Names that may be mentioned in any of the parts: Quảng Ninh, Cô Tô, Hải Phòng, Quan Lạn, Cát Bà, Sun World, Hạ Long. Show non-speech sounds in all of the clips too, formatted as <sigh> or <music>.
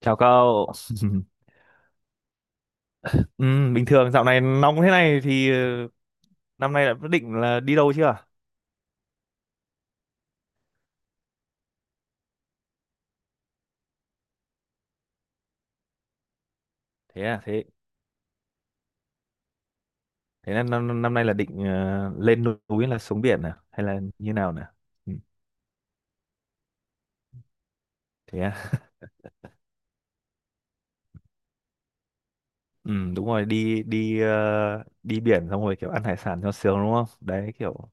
Chào cậu. <laughs> Ừ, bình thường dạo này nóng thế này thì năm nay đã quyết định là đi đâu chưa? Thế à, thế thế là năm năm nay là định lên núi hay là xuống biển à, hay là như nào nè? Ừ, thế à. <laughs> Ừ, đúng rồi, đi đi ờ, đi biển xong rồi kiểu ăn hải sản cho sướng đúng không? Đấy kiểu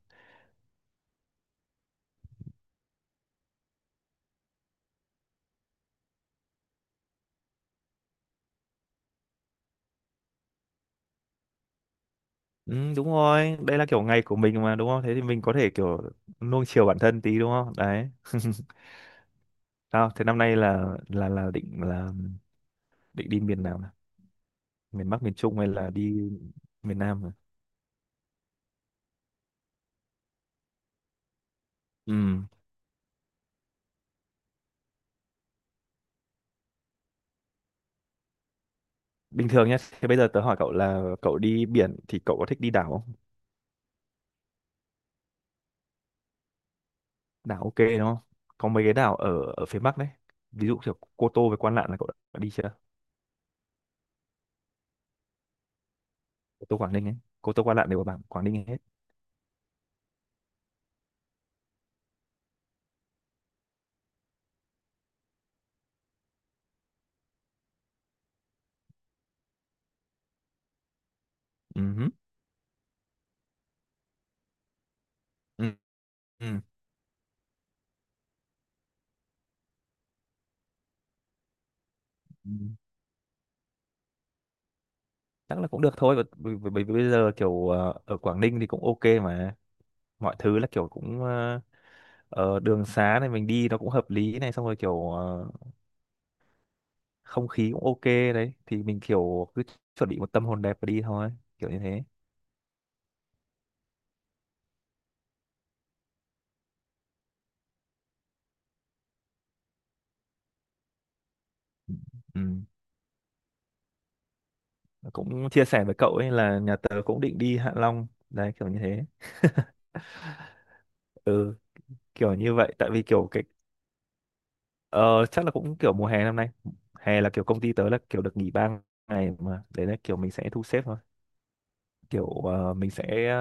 ừ, đúng rồi, đây là kiểu ngày của mình mà đúng không? Thế thì mình có thể kiểu nuông chiều bản thân tí đúng không? Đấy. <laughs> Sao? Thế năm nay là định đi miền nào nè? Miền Bắc, miền Trung hay là đi miền Nam? Ừ. Bình thường nhé, thế bây giờ tớ hỏi cậu là cậu đi biển thì cậu có thích đi đảo không? Đảo ok đúng không? Có mấy cái đảo ở ở phía Bắc đấy. Ví dụ kiểu Cô Tô với Quan Lạn là cậu đã đi chưa? Cô Tô Quảng Ninh ấy. Cô Tô Quan Lạn đều ở bảng Quảng Ninh hết. Ừ. Hứ. Ừ. Ừ. Ừ. Chắc là cũng được thôi. Bởi bởi- bởi bởi vì bây giờ kiểu ở Quảng Ninh thì cũng ok mà. Mọi thứ là kiểu cũng đường xá này mình đi nó cũng hợp lý này, xong rồi kiểu không khí cũng ok, đấy thì mình kiểu cứ chuẩn bị một tâm hồn đẹp và đi thôi, kiểu như thế. Ừ, cũng chia sẻ với cậu ấy là nhà tớ cũng định đi Hạ Long đấy, kiểu như thế, ừ, kiểu như vậy, tại vì kiểu cái ờ, chắc là cũng kiểu mùa hè năm nay, hè là kiểu công ty tớ là kiểu được nghỉ 3 ngày mà, đấy là kiểu mình sẽ thu xếp thôi, kiểu mình sẽ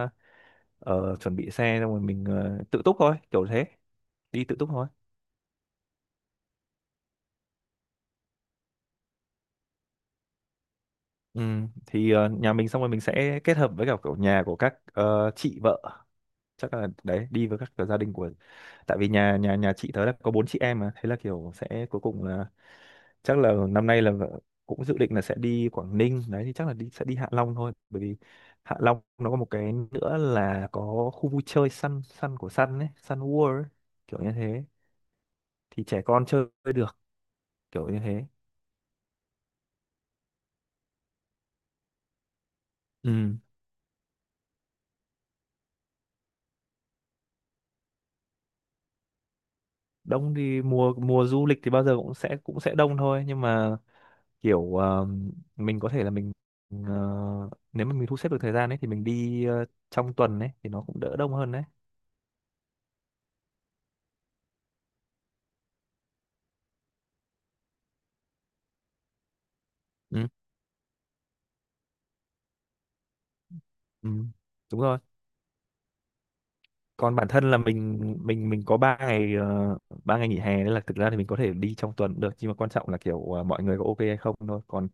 chuẩn bị xe xong rồi mình tự túc thôi, kiểu thế, đi tự túc thôi. Ừ, thì nhà mình xong rồi mình sẽ kết hợp với cả kiểu nhà của các chị vợ, chắc là đấy đi với các kiểu gia đình của, tại vì nhà nhà nhà chị tớ là có bốn chị em mà, thế là kiểu sẽ cuối cùng là chắc là năm nay là vợ cũng dự định là sẽ đi Quảng Ninh đấy, thì chắc là sẽ đi Hạ Long thôi, bởi vì Hạ Long nó có một cái nữa là có khu vui chơi Sun Sun của Sun ấy, Sun World ấy, kiểu như thế, thì trẻ con chơi được, kiểu như thế. Ừ. Đông thì mùa mùa du lịch thì bao giờ cũng sẽ đông thôi, nhưng mà kiểu mình có thể là mình ờ, nếu mà mình thu xếp được thời gian ấy thì mình đi trong tuần ấy thì nó cũng đỡ đông hơn đấy. Ừ. Ừ. Đúng rồi. Còn bản thân là mình có ba ngày 3 ngày nghỉ hè, nên là thực ra thì mình có thể đi trong tuần cũng được, nhưng mà quan trọng là kiểu mọi người có ok hay không thôi, còn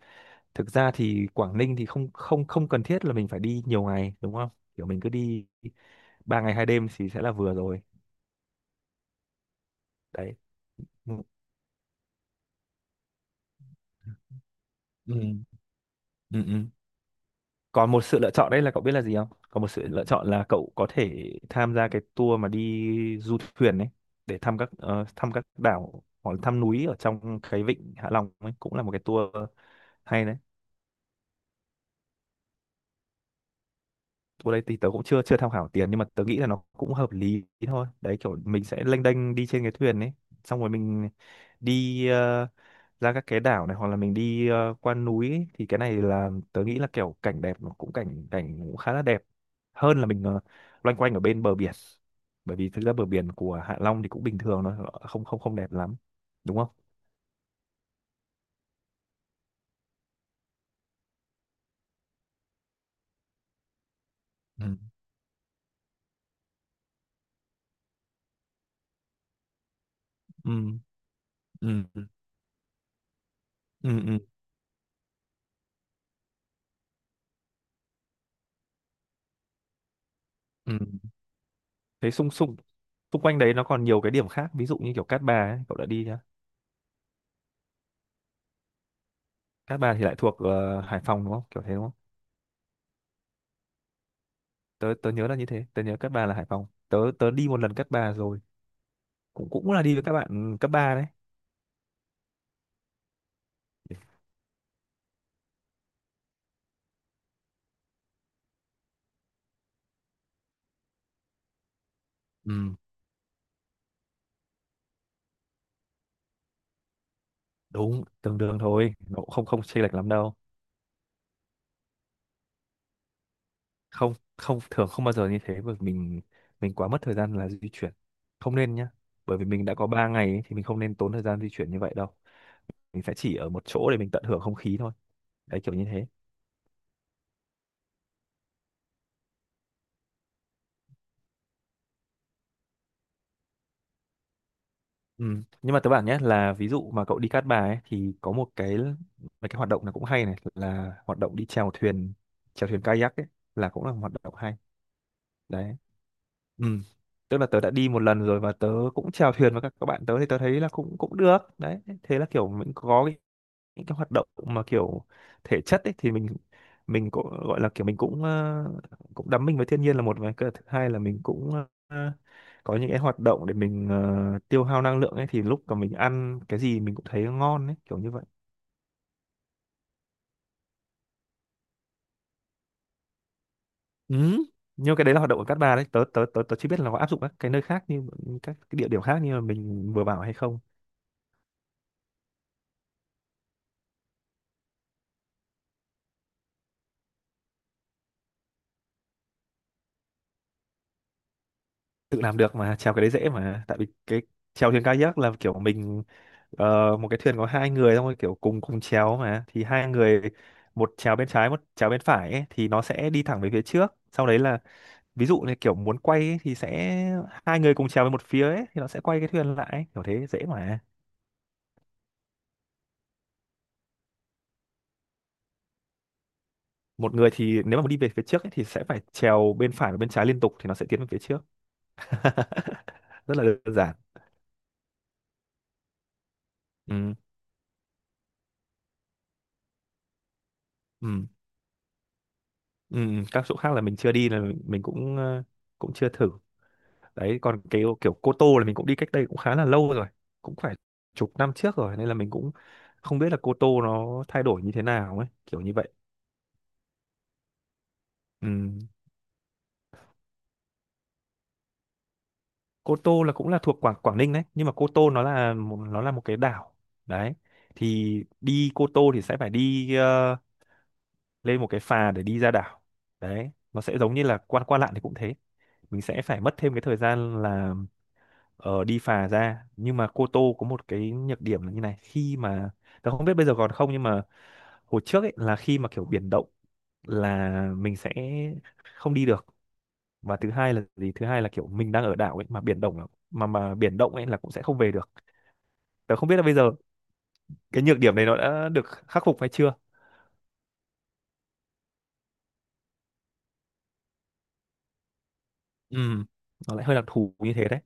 thực ra thì Quảng Ninh thì không không không cần thiết là mình phải đi nhiều ngày đúng không, kiểu mình cứ đi 3 ngày 2 đêm thì sẽ là vừa rồi đấy. Ừ. Ừ. Ừ. Ừ. Còn một sự lựa chọn đấy là cậu biết là gì không, còn một sự lựa chọn là cậu có thể tham gia cái tour mà đi du thuyền đấy, để thăm các thăm các đảo hoặc là thăm núi ở trong cái vịnh Hạ Long ấy, cũng là một cái tour hay đấy. Chỗ đây thì tớ cũng chưa chưa tham khảo tiền, nhưng mà tớ nghĩ là nó cũng hợp lý thôi, đấy kiểu mình sẽ lênh đênh đi trên cái thuyền ấy, xong rồi mình đi ra các cái đảo này hoặc là mình đi qua núi ấy. Thì cái này là tớ nghĩ là kiểu cảnh đẹp, nó cũng cảnh cảnh cũng khá là đẹp hơn là mình loanh quanh ở bên bờ biển, bởi vì thực ra bờ biển của Hạ Long thì cũng bình thường thôi, không không không đẹp lắm đúng không? Ừ. Ừ. Ừ. Ừ, ừ, ừ, ừ. Thế xung xung xung quanh đấy nó còn nhiều cái điểm khác, ví dụ như kiểu Cát Bà ấy, cậu đã đi nhá? Cát Bà thì lại thuộc Hải Phòng đúng không, kiểu thế đúng không? Tớ tớ nhớ là như thế, tớ nhớ Cát Bà là Hải Phòng, tớ tớ đi một lần Cát Bà rồi, cũng cũng là đi với các bạn cấp 3 đấy. Ừ, đúng, tương đương thôi, nó cũng không không chênh lệch lắm đâu. Không không thường, không bao giờ như thế, bởi vì mình quá mất thời gian là di chuyển, không nên nhá, bởi vì mình đã có 3 ngày ấy, thì mình không nên tốn thời gian di chuyển như vậy đâu, mình sẽ chỉ ở một chỗ để mình tận hưởng không khí thôi, đấy kiểu như thế. Ừ. Nhưng mà tớ bảo nhé, là ví dụ mà cậu đi Cát Bà ấy, thì có một cái, mấy cái hoạt động là cũng hay này, là hoạt động đi chèo thuyền kayak ấy, là cũng là một hoạt động hay đấy. Ừ. Tức là tớ đã đi một lần rồi, và tớ cũng chèo thuyền với các bạn tớ, thì tớ thấy là cũng cũng được đấy, thế là kiểu mình có những cái hoạt động mà kiểu thể chất ấy, thì mình cũng gọi là kiểu mình cũng cũng đắm mình với thiên nhiên là một, và cái thứ hai là mình cũng ờ, có những cái hoạt động để mình tiêu hao năng lượng ấy, thì lúc mà mình ăn cái gì mình cũng thấy ngon ấy, kiểu như vậy. Ừ. Nhưng cái đấy là hoạt động ở Cát Bà đấy, tớ tớ tớ tớ chỉ biết là có áp dụng các cái nơi khác như các cái địa điểm khác như mà mình vừa bảo hay không. Tự làm được mà, chèo cái đấy dễ mà, tại vì cái chèo thuyền kayak là kiểu mình một cái thuyền có hai người, xong rồi kiểu cùng cùng chèo mà, thì hai người, một chèo bên trái một chèo bên phải ấy, thì nó sẽ đi thẳng về phía trước, sau đấy là ví dụ như kiểu muốn quay ấy, thì sẽ hai người cùng chèo về một phía ấy, thì nó sẽ quay cái thuyền lại ấy, kiểu thế dễ mà. Một người thì nếu mà muốn đi về phía trước ấy, thì sẽ phải chèo bên phải và bên trái liên tục, thì nó sẽ tiến về phía trước. <laughs> Rất là đơn giản. Ừ, ừ, ừ. Ừ. Các chỗ khác là mình chưa đi, là mình cũng cũng chưa thử đấy. Còn cái kiểu Cô Tô là mình cũng đi cách đây cũng khá là lâu rồi, cũng phải chục năm trước rồi, nên là mình cũng không biết là Cô Tô nó thay đổi như thế nào ấy, kiểu như vậy. Ừ. Cô Tô là cũng là thuộc Quảng Quảng Ninh đấy, nhưng mà Cô Tô nó là một cái đảo đấy, thì đi Cô Tô thì sẽ phải đi lên một cái phà để đi ra đảo đấy, nó sẽ giống như là qua qua lạn thì cũng thế, mình sẽ phải mất thêm cái thời gian là đi phà ra, nhưng mà Cô Tô có một cái nhược điểm là như này, khi mà tớ không biết bây giờ còn không, nhưng mà hồi trước ấy là khi mà kiểu biển động là mình sẽ không đi được, và thứ hai là gì, thứ hai là kiểu mình đang ở đảo ấy mà biển động ấy là cũng sẽ không về được, tớ không biết là bây giờ cái nhược điểm này nó đã được khắc phục hay chưa. Ừ, nó lại hơi đặc thù như thế đấy,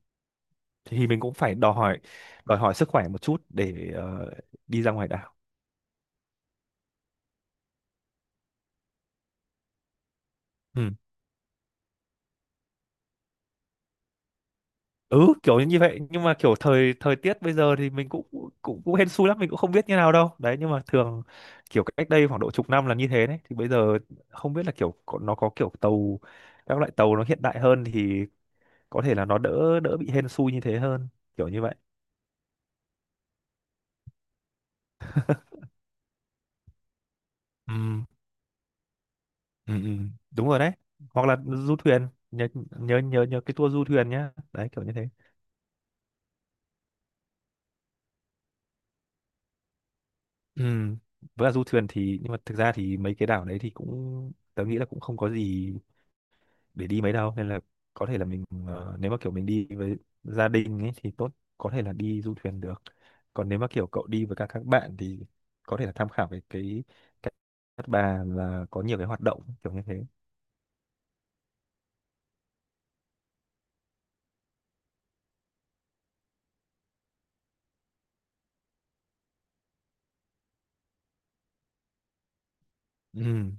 thì mình cũng phải đòi hỏi sức khỏe một chút để đi ra ngoài đảo. Ừ, ừ, kiểu như vậy, nhưng mà kiểu thời thời tiết bây giờ thì mình cũng cũng cũng hên xui lắm, mình cũng không biết như nào đâu đấy, nhưng mà thường kiểu cách đây khoảng độ chục năm là như thế đấy, thì bây giờ không biết là kiểu nó có kiểu tàu, các loại tàu nó hiện đại hơn thì có thể là nó đỡ đỡ bị hên xui như thế hơn, kiểu như vậy. Ừ, ừ, ừ. Đúng rồi đấy, hoặc là du thuyền nhớ, nhớ nhớ nhớ cái tour du thuyền nhá, đấy kiểu như thế. Ừ. Với cả du thuyền thì, nhưng mà thực ra thì mấy cái đảo đấy thì cũng tớ nghĩ là cũng không có gì để đi mấy đâu, nên là có thể là mình nếu mà kiểu mình đi với gia đình ấy thì tốt, có thể là đi du thuyền được, còn nếu mà kiểu cậu đi với các bạn thì có thể là tham khảo về cái cái Cát Bà là có nhiều cái hoạt động, kiểu như thế. Ừ.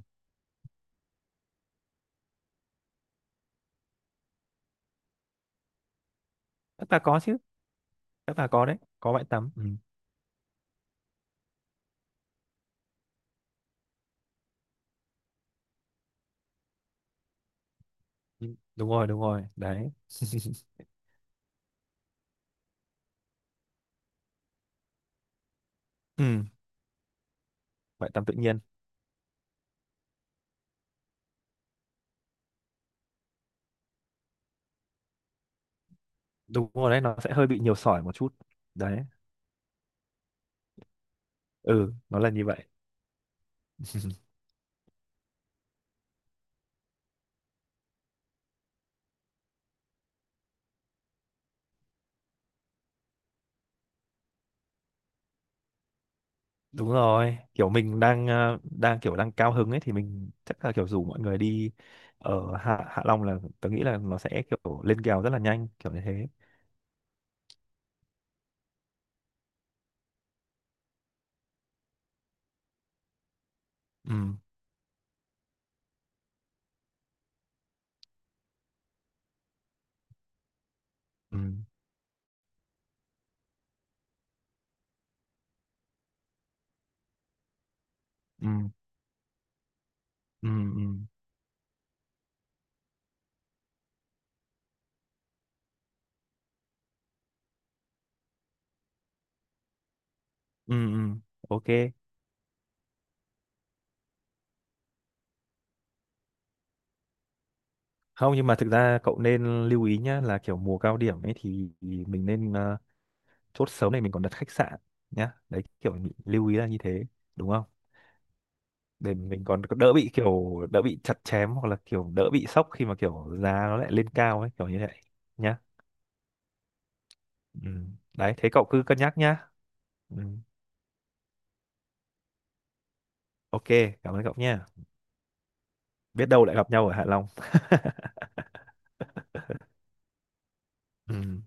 Cát Bà có chứ, Cát Bà có đấy, có bãi tắm. Ừ. Ừ, đúng rồi, đúng rồi đấy. <laughs> Ừ. Bãi tắm tự nhiên. Đúng rồi đấy, nó sẽ hơi bị nhiều sỏi một chút đấy, ừ nó là như vậy. <laughs> Đúng rồi, kiểu mình đang ờ, đang kiểu đang cao hứng ấy, thì mình chắc là kiểu rủ mọi người đi ở Hạ Hạ Long, là tớ nghĩ là nó sẽ kiểu lên kèo rất là nhanh, kiểu như thế. Ừ, ừ, ừ, ừ, ừ, ừ, ừ. Ok. Không, nhưng mà thực ra cậu nên lưu ý nhá, là kiểu mùa cao điểm ấy thì mình nên chốt sớm này, mình còn đặt khách sạn nhá. Đấy kiểu mình lưu ý là như thế, đúng không? Để mình còn đỡ bị kiểu đỡ bị chặt chém, hoặc là kiểu đỡ bị sốc khi mà kiểu giá nó lại lên cao ấy, kiểu như vậy nhá. Ừ. Đấy, thế cậu cứ cân nhắc nhá. Ừ. Ok, cảm ơn cậu nha. Biết đâu lại gặp nhau ở Hạ Long. Ừ.